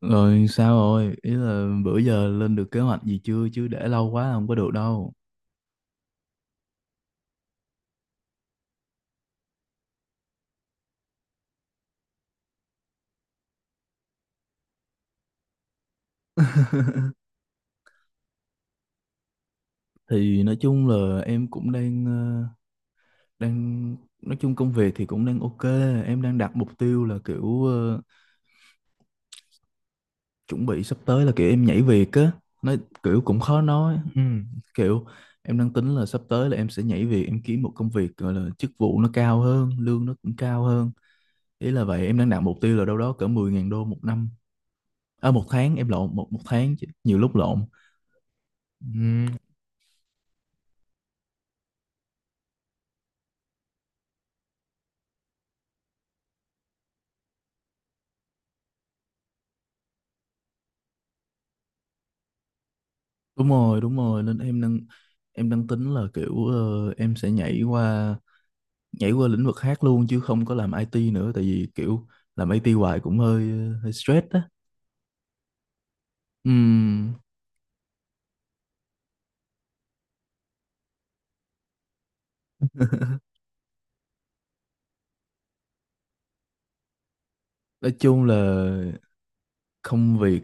Rồi sao rồi? Ý là bữa giờ lên được kế hoạch gì chưa? Chứ để lâu quá là không có được đâu. Thì nói chung là em cũng đang nói chung công việc thì cũng đang ok. Em đang đặt mục tiêu là kiểu chuẩn bị sắp tới là kiểu em nhảy việc á. Nói Kiểu cũng khó nói. Ừ, kiểu em đang tính là sắp tới là em sẽ nhảy việc, em kiếm một công việc gọi là chức vụ nó cao hơn, lương nó cũng cao hơn. Ý là vậy, em đang đặt mục tiêu là đâu đó cỡ 10 ngàn đô một năm. À, một tháng em lộn một một tháng chứ nhiều lúc lộn. Ừ. Đúng rồi, nên em đang tính là kiểu em sẽ nhảy qua lĩnh vực khác luôn chứ không có làm IT nữa tại vì kiểu làm IT hoài cũng hơi hơi stress á. Ừm, nói chung là công việc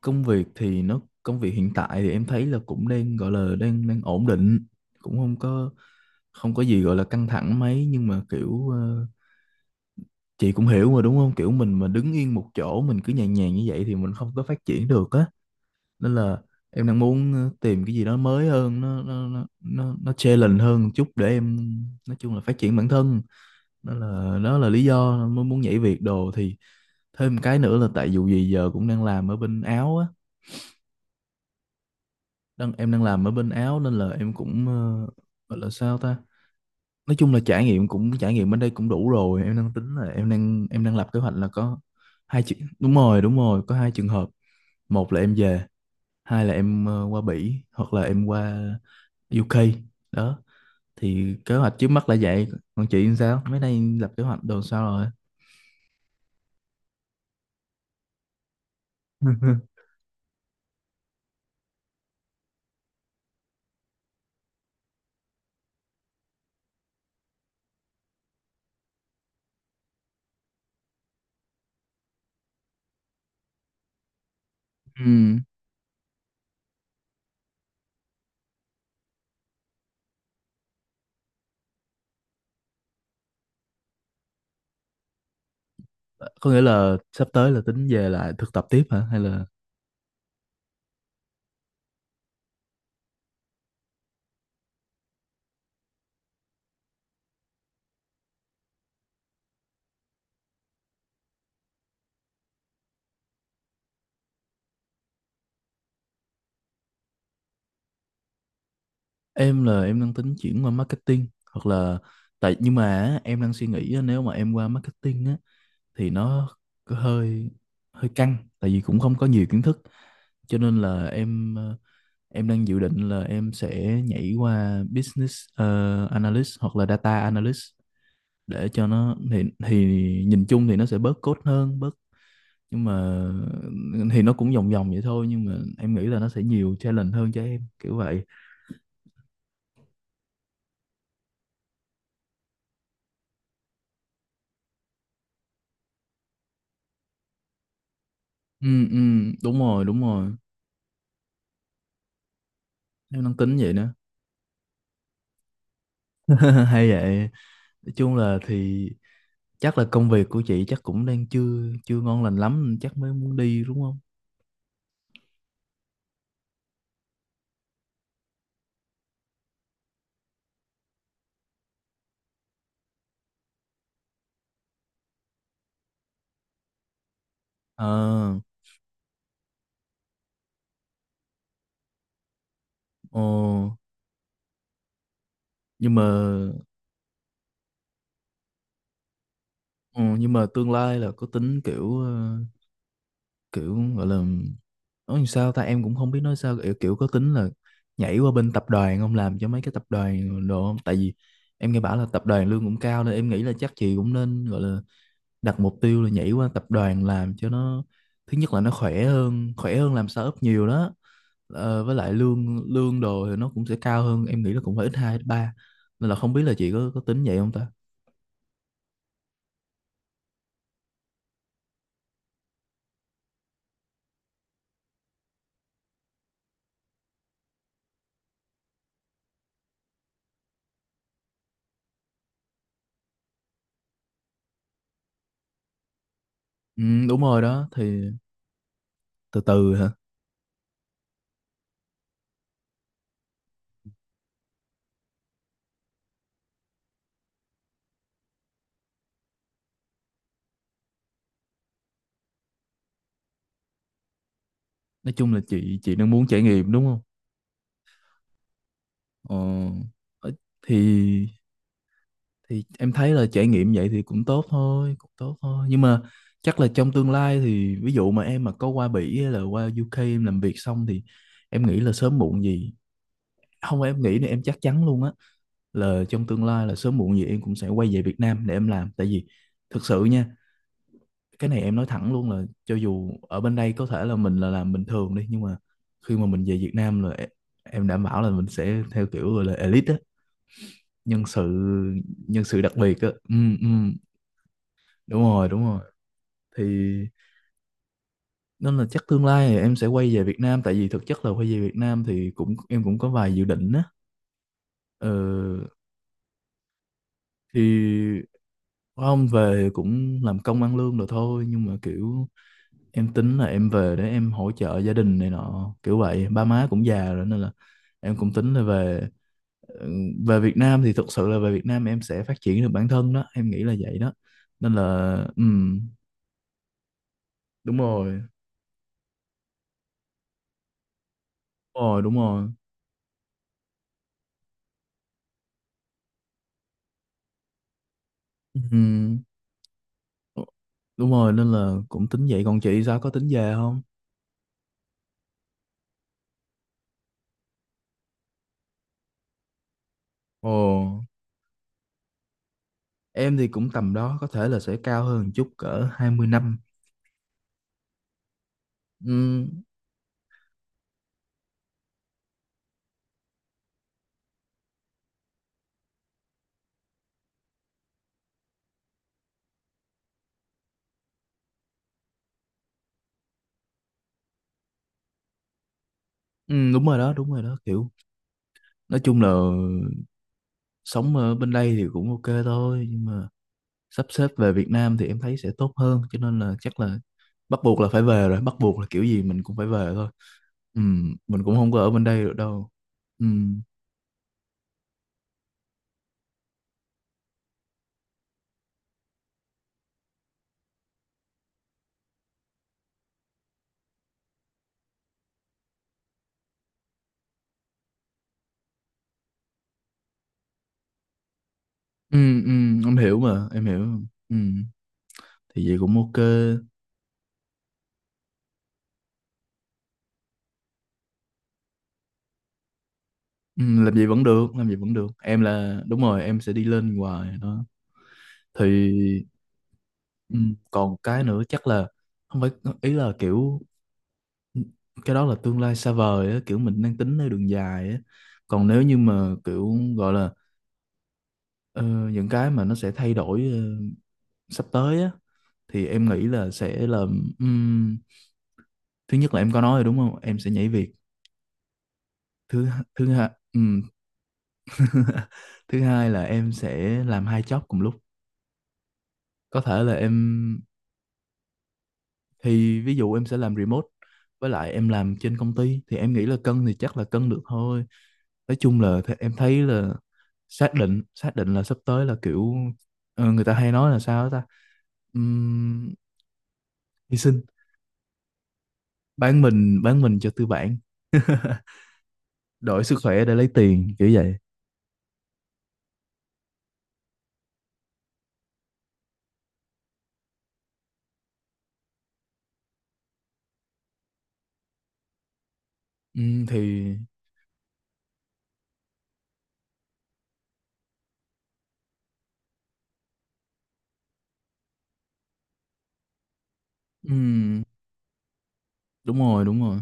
công việc hiện tại thì em thấy là cũng đang gọi là đang đang ổn định, cũng không có gì gọi là căng thẳng mấy nhưng mà kiểu chị cũng hiểu mà đúng không? Kiểu mình mà đứng yên một chỗ mình cứ nhàn nhàn như vậy thì mình không có phát triển được á. Nên là em đang muốn tìm cái gì đó mới hơn nó challenge hơn một chút để em nói chung là phát triển bản thân. Đó là lý do mới muốn nhảy việc đồ. Thì thêm một cái nữa là tại dù gì giờ cũng đang làm ở bên Áo á, em đang làm ở bên Áo nên là em cũng gọi là sao ta. Nói chung là trải nghiệm cũng trải nghiệm bên đây cũng đủ rồi, em đang tính là em đang lập kế hoạch là có hai chuyện. Đúng rồi, đúng rồi, có hai trường hợp: một là em về, hai là em qua Bỉ hoặc là em qua UK đó. Thì kế hoạch trước mắt là vậy, còn chị sao mấy nay lập kế hoạch đồ sao rồi? Ừ. Có nghĩa là sắp tới là tính về lại thực tập tiếp hả hay là? Em em đang tính chuyển qua marketing hoặc là tại nhưng mà á, em đang suy nghĩ á, nếu mà em qua marketing á thì nó có hơi hơi căng tại vì cũng không có nhiều kiến thức, cho nên là em đang dự định là em sẽ nhảy qua business analyst hoặc là data analyst để cho nó thì nhìn chung thì nó sẽ bớt code hơn, nhưng mà thì nó cũng vòng vòng vậy thôi nhưng mà em nghĩ là nó sẽ nhiều challenge hơn cho em kiểu vậy. Ừ, ừ, đúng rồi đúng rồi. Em đang tính vậy nữa. Hay vậy. Nói chung là thì chắc là công việc của chị chắc cũng đang chưa chưa ngon lành lắm chắc mới muốn đi đúng không? Ờ ờ nhưng mà ờ, nhưng mà tương lai là có tính kiểu kiểu gọi là nói làm sao ta, em cũng không biết nói sao kiểu có tính là nhảy qua bên tập đoàn không, làm cho mấy cái tập đoàn đồ không, tại vì em nghe bảo là tập đoàn lương cũng cao nên em nghĩ là chắc chị cũng nên gọi là đặt mục tiêu là nhảy qua tập đoàn làm, cho nó thứ nhất là nó khỏe hơn làm startup nhiều đó. Ờ, với lại lương lương đồ thì nó cũng sẽ cao hơn, em nghĩ là cũng phải ít hai ít ba, nên là không biết là chị có tính vậy không ta. Ừ, đúng rồi đó thì từ từ hả? Nói chung là chị đang muốn trải nghiệm đúng không? ờ, thì em thấy là trải nghiệm vậy thì cũng tốt thôi, cũng tốt thôi, nhưng mà chắc là trong tương lai thì ví dụ mà em mà có qua Bỉ hay là qua UK em làm việc xong thì em nghĩ là sớm muộn gì, không em nghĩ là em chắc chắn luôn á, là trong tương lai là sớm muộn gì em cũng sẽ quay về Việt Nam để em làm. Tại vì thực sự nha, cái này em nói thẳng luôn là cho dù ở bên đây có thể là mình là làm bình thường đi nhưng mà khi mà mình về Việt Nam là em đảm bảo là mình sẽ theo kiểu gọi là elite á, nhân sự nhân sự đặc biệt á. Ừ, ừ. Đúng rồi đúng rồi. Thì nên là chắc tương lai thì em sẽ quay về Việt Nam, tại vì thực chất là quay về Việt Nam thì cũng em cũng có vài dự định á. ờ, thì không, về cũng làm công ăn lương rồi thôi nhưng mà kiểu em tính là em về để em hỗ trợ gia đình này nọ, kiểu vậy, ba má cũng già rồi nên là em cũng tính là về. Ừ, về Việt Nam thì thực sự là về Việt Nam em sẽ phát triển được bản thân đó, em nghĩ là vậy đó. Nên là ừ, đúng rồi đúng rồi đúng rồi. Ừ. Ờ, đúng rồi, nên là cũng tính vậy. Còn chị sao, có tính về không? Ồ, em thì cũng tầm đó, có thể là sẽ cao hơn một chút, cỡ 20 năm. Ừ, ừ, đúng rồi đó, đúng rồi đó, kiểu nói chung là sống ở bên đây thì cũng ok thôi, nhưng mà sắp xếp về Việt Nam thì em thấy sẽ tốt hơn, cho nên là chắc là bắt buộc là phải về rồi, bắt buộc là kiểu gì mình cũng phải về thôi. Ừ, mình cũng không có ở bên đây được đâu. Ừ, ừ, ừ, em hiểu mà, em hiểu. Ừ, thì vậy cũng ok. Ừ, làm gì vẫn được, làm gì vẫn được, em là đúng rồi, em sẽ đi lên hoài đó. Thì ừ, còn cái nữa chắc là không phải, ý là kiểu cái đó là tương lai xa vời á, kiểu mình đang tính theo đường dài á. Còn nếu như mà kiểu gọi là ờ, những cái mà nó sẽ thay đổi sắp tới á, thì em nghĩ là sẽ là ừm, thứ nhất là em có nói rồi đúng không? Em sẽ nhảy việc. Thứ thứ hai Thứ hai là em sẽ làm hai job cùng lúc. Có thể là em, thì ví dụ em sẽ làm remote với lại em làm trên công ty, thì em nghĩ là cân thì chắc là cân được thôi. Nói chung là em thấy là xác định là sắp tới là kiểu người ta hay nói là sao ta. Ừm, hy sinh, bán mình, bán mình cho tư bản, đổi sức khỏe để lấy tiền kiểu vậy. Thì ừm, đúng rồi đúng rồi,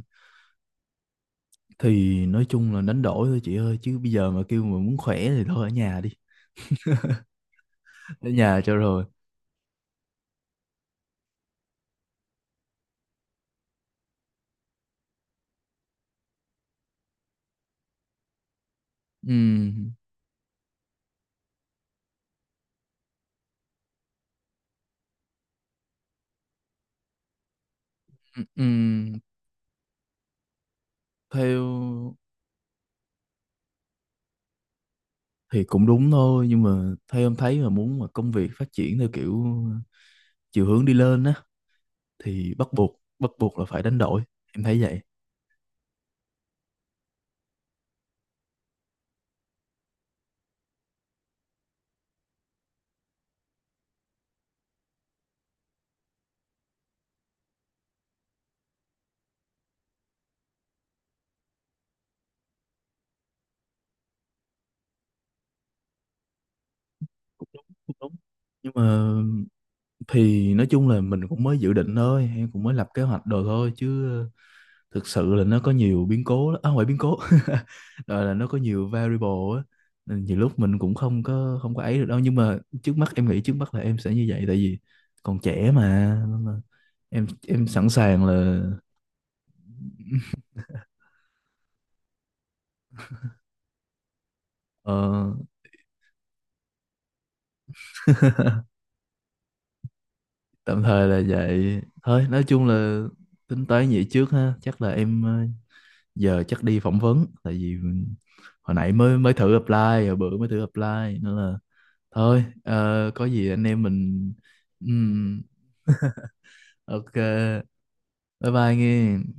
thì nói chung là đánh đổi thôi chị ơi, chứ bây giờ mà kêu mà muốn khỏe thì thôi ở nhà đi, ở nhà cho rồi. Ừm, ừm, theo Thì cũng đúng thôi, nhưng mà theo em thấy mà muốn mà công việc phát triển theo kiểu chiều hướng đi lên á thì bắt buộc là phải đánh đổi, em thấy vậy. Cũng đúng, cũng đúng, nhưng mà thì nói chung là mình cũng mới dự định thôi, em cũng mới lập kế hoạch đồ thôi, chứ thực sự là nó có nhiều biến cố lắm. À, không phải biến cố rồi, là nó có nhiều variable á. Nên nhiều lúc mình cũng không có ấy được đâu, nhưng mà trước mắt em nghĩ, trước mắt là em sẽ như vậy, tại vì còn trẻ mà, nên là em sẵn sàng là. Ờ, tạm thời là vậy thôi, nói chung là tính toán vậy trước ha. Chắc là em giờ chắc đi phỏng vấn, tại vì hồi nãy mới mới thử apply, hồi bữa mới thử apply, nên là thôi có gì anh em mình. Ừm, ok bye bye nghe.